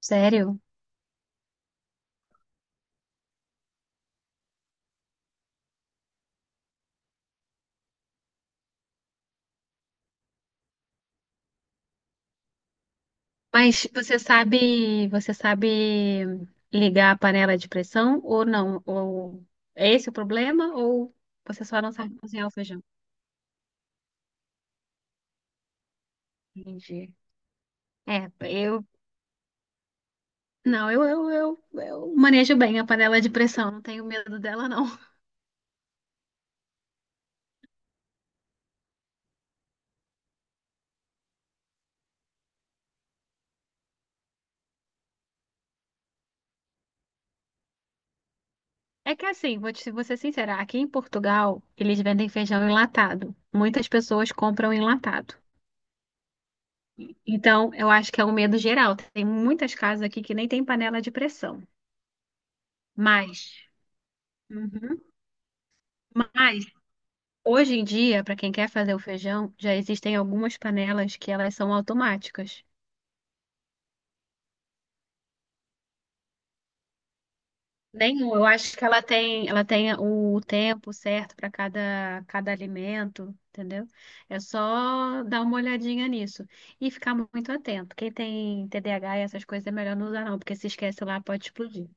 Sério? Mas você sabe ligar a panela de pressão ou não? Ou é esse o problema? Ou você só não sabe cozinhar o feijão? Entendi. É, eu não, eu manejo bem a panela de pressão, não tenho medo dela, não. É que assim, vou ser sincera, aqui em Portugal eles vendem feijão enlatado. Muitas pessoas compram enlatado. Então, eu acho que é um medo geral. Tem muitas casas aqui que nem tem panela de pressão. Mas. Uhum. Mas hoje em dia, para quem quer fazer o feijão, já existem algumas panelas que elas são automáticas. Nenhum, eu acho que ela tem o tempo certo para cada alimento, entendeu? É só dar uma olhadinha nisso e ficar muito atento. Quem tem TDAH e essas coisas é melhor não usar não, porque se esquece lá pode explodir.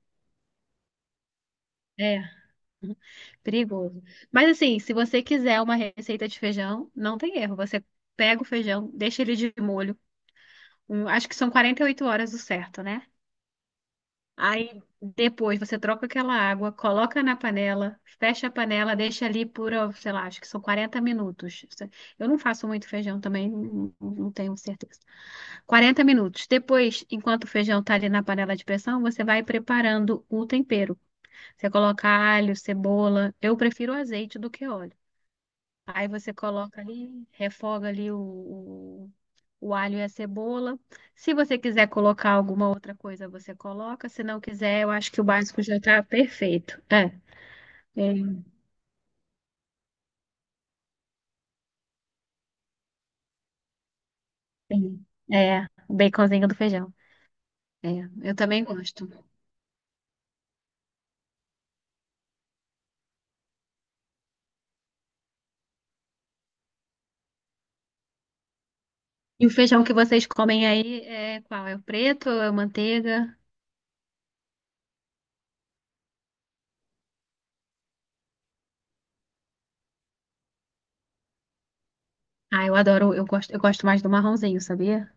É, perigoso. Mas assim, se você quiser uma receita de feijão, não tem erro. Você pega o feijão, deixa ele de molho, acho que são 48 horas o certo, né? Aí depois você troca aquela água, coloca na panela, fecha a panela, deixa ali por, ó, sei lá, acho que são 40 minutos. Eu não faço muito feijão também, não tenho certeza. 40 minutos. Depois, enquanto o feijão tá ali na panela de pressão, você vai preparando o tempero. Você coloca alho, cebola. Eu prefiro azeite do que óleo. Aí você coloca ali, refoga ali o alho e a cebola. Se você quiser colocar alguma outra coisa, você coloca. Se não quiser, eu acho que o básico já tá perfeito. É, é, sim. É, o baconzinho do feijão. É, eu também gosto. E o feijão que vocês comem aí é qual? É o preto ou é manteiga? Ah, eu adoro, eu gosto mais do marronzinho, sabia?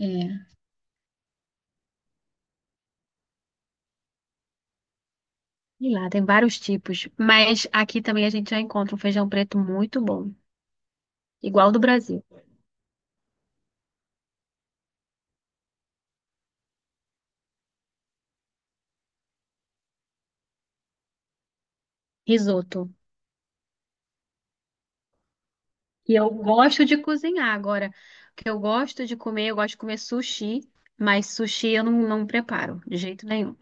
É, e lá tem vários tipos, mas aqui também a gente já encontra um feijão preto muito bom, igual do Brasil. Risoto. E eu gosto de cozinhar agora. O que eu gosto de comer, eu gosto de comer sushi, mas sushi eu não, não preparo de jeito nenhum.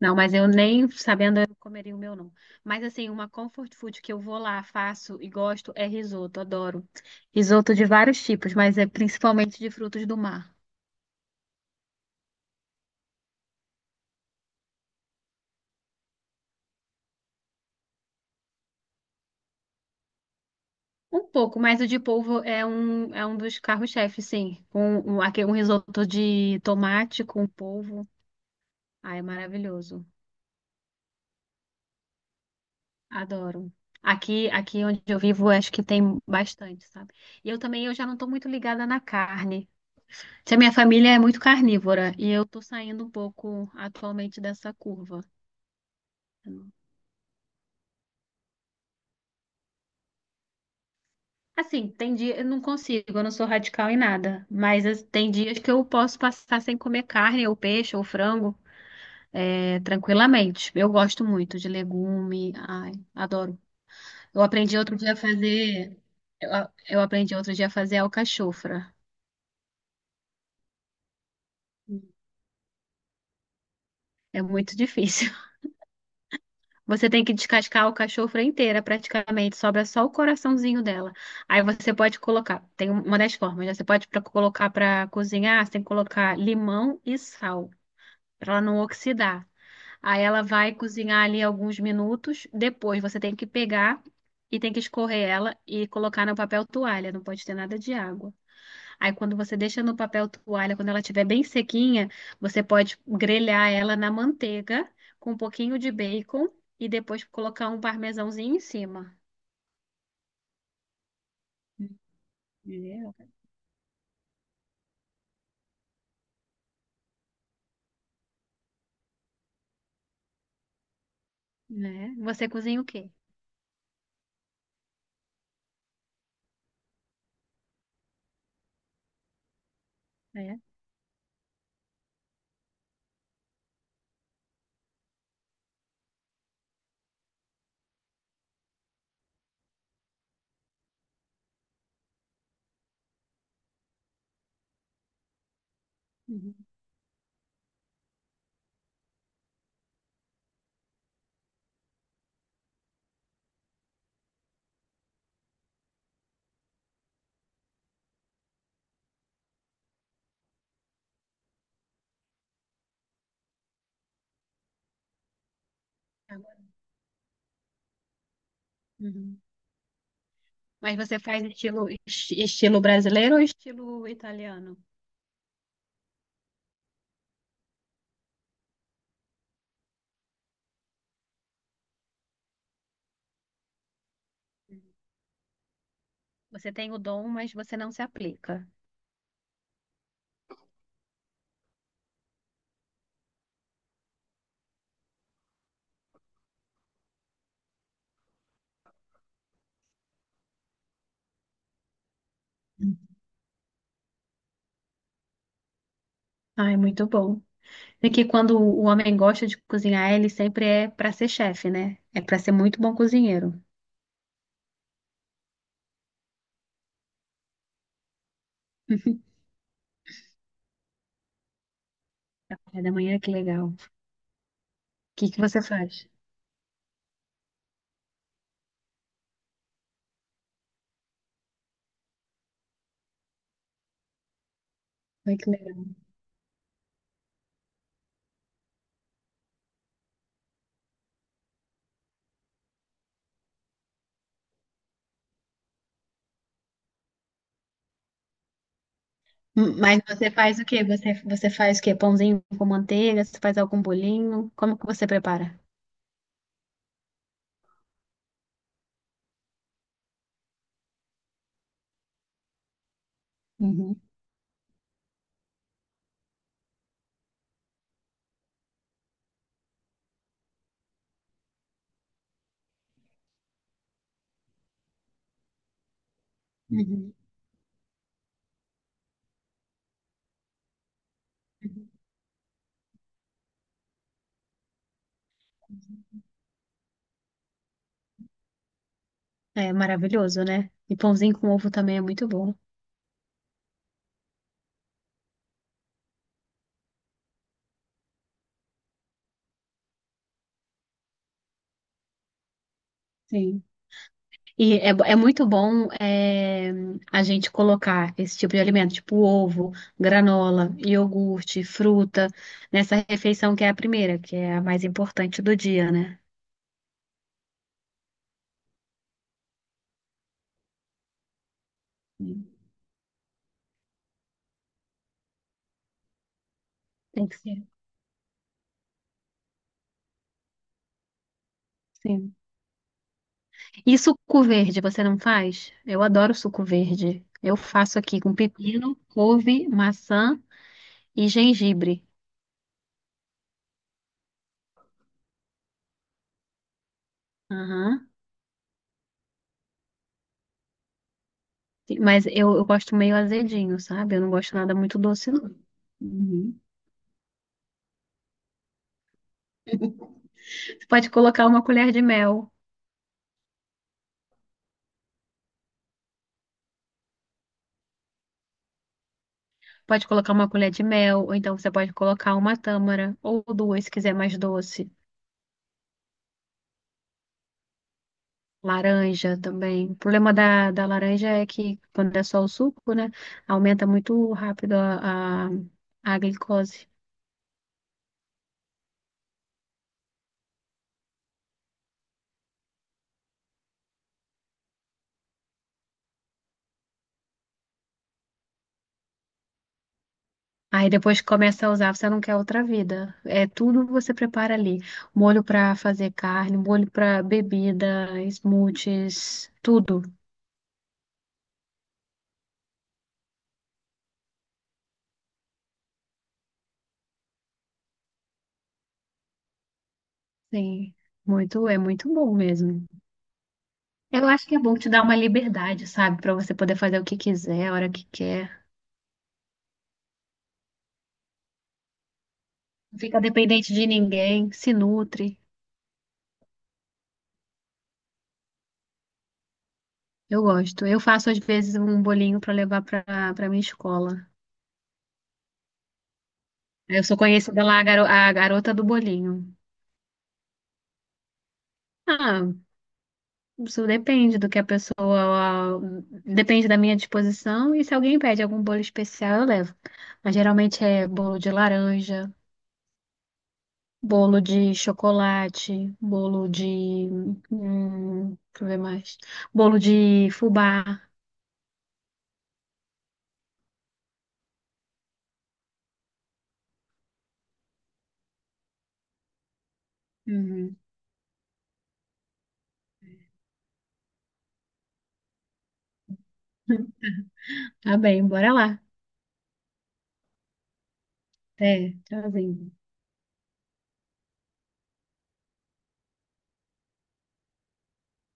Não, mas eu nem sabendo eu comeria o meu não. Mas assim, uma comfort food que eu vou lá, faço e gosto é risoto, adoro. Risoto de vários tipos, mas é principalmente de frutos do mar. Um pouco, mas o de polvo é um dos carros-chefes, sim. Um risoto de tomate com polvo. Ah, é maravilhoso. Adoro. Aqui, aqui onde eu vivo, acho que tem bastante, sabe? E eu também, eu já não estou muito ligada na carne. Se a minha família é muito carnívora e eu estou saindo um pouco atualmente dessa curva. Assim, tem dia, eu não consigo, eu não sou radical em nada, tem dias que eu posso passar sem comer carne, ou peixe, ou frango, é, tranquilamente. Eu gosto muito de legume, ai, adoro. Eu aprendi outro dia a fazer, eu aprendi outro dia a fazer alcachofra. É muito difícil. Você tem que descascar o cachorro inteira, praticamente. Sobra só o coraçãozinho dela. Aí você pode colocar, tem um, uma das formas, né? Você pode colocar para cozinhar, você tem que colocar limão e sal, para ela não oxidar. Aí ela vai cozinhar ali alguns minutos. Depois você tem que pegar e tem que escorrer ela e colocar no papel toalha. Não pode ter nada de água. Aí, quando você deixa no papel toalha, quando ela estiver bem sequinha, você pode grelhar ela na manteiga com um pouquinho de bacon e depois colocar um parmesãozinho em cima. Entendeu? Né? Você cozinha o quê? É. Uhum. Agora. Uhum. Mas você faz estilo, estilo brasileiro ou estilo italiano? Você tem o dom, mas você não se aplica. Ah, é muito bom. É que quando o homem gosta de cozinhar, ele sempre é para ser chefe, né? É para ser muito bom cozinheiro. Café da manhã, que legal. O que que você faz? Ai, que legal. Mas você faz o quê? Você, você faz o quê? Pãozinho com manteiga? Você faz algum bolinho? Como que você prepara? Uhum. Uhum. Uhum. É maravilhoso, né? E pãozinho com ovo também é muito bom. Sim. E é, é muito bom é, a gente colocar esse tipo de alimento, tipo ovo, granola, iogurte, fruta, nessa refeição que é a primeira, que é a mais importante do dia, né? Sim. Tem que ser. Sim. E suco verde, você não faz? Eu adoro suco verde. Eu faço aqui com pepino, couve, maçã e gengibre. Aham. Mas eu gosto meio azedinho, sabe? Eu não gosto nada muito doce, não. Uhum. Você pode colocar uma colher de mel. Pode colocar uma colher de mel, ou então você pode colocar uma tâmara, ou duas, se quiser mais doce. Laranja também. O problema da, da laranja é que, quando é só o suco, né? Aumenta muito rápido a glicose. Aí depois que começa a usar, você não quer outra vida. É tudo que você prepara ali. Molho pra fazer carne, molho pra bebida, smoothies, tudo. Sim, muito, é muito bom mesmo. Eu acho que é bom te dar uma liberdade, sabe, pra você poder fazer o que quiser, a hora que quer. Não fica dependente de ninguém, se nutre. Eu gosto. Eu faço às vezes um bolinho pra levar pra para minha escola. Eu sou conhecida lá a a garota do bolinho. Ah, isso depende do que a pessoa. Depende da minha disposição. E se alguém pede algum bolo especial, eu levo. Mas geralmente é bolo de laranja, bolo de chocolate, bolo de. Deixa eu ver mais. Bolo de fubá. Uhum. Tá bem, bora lá. Até tchauzinho.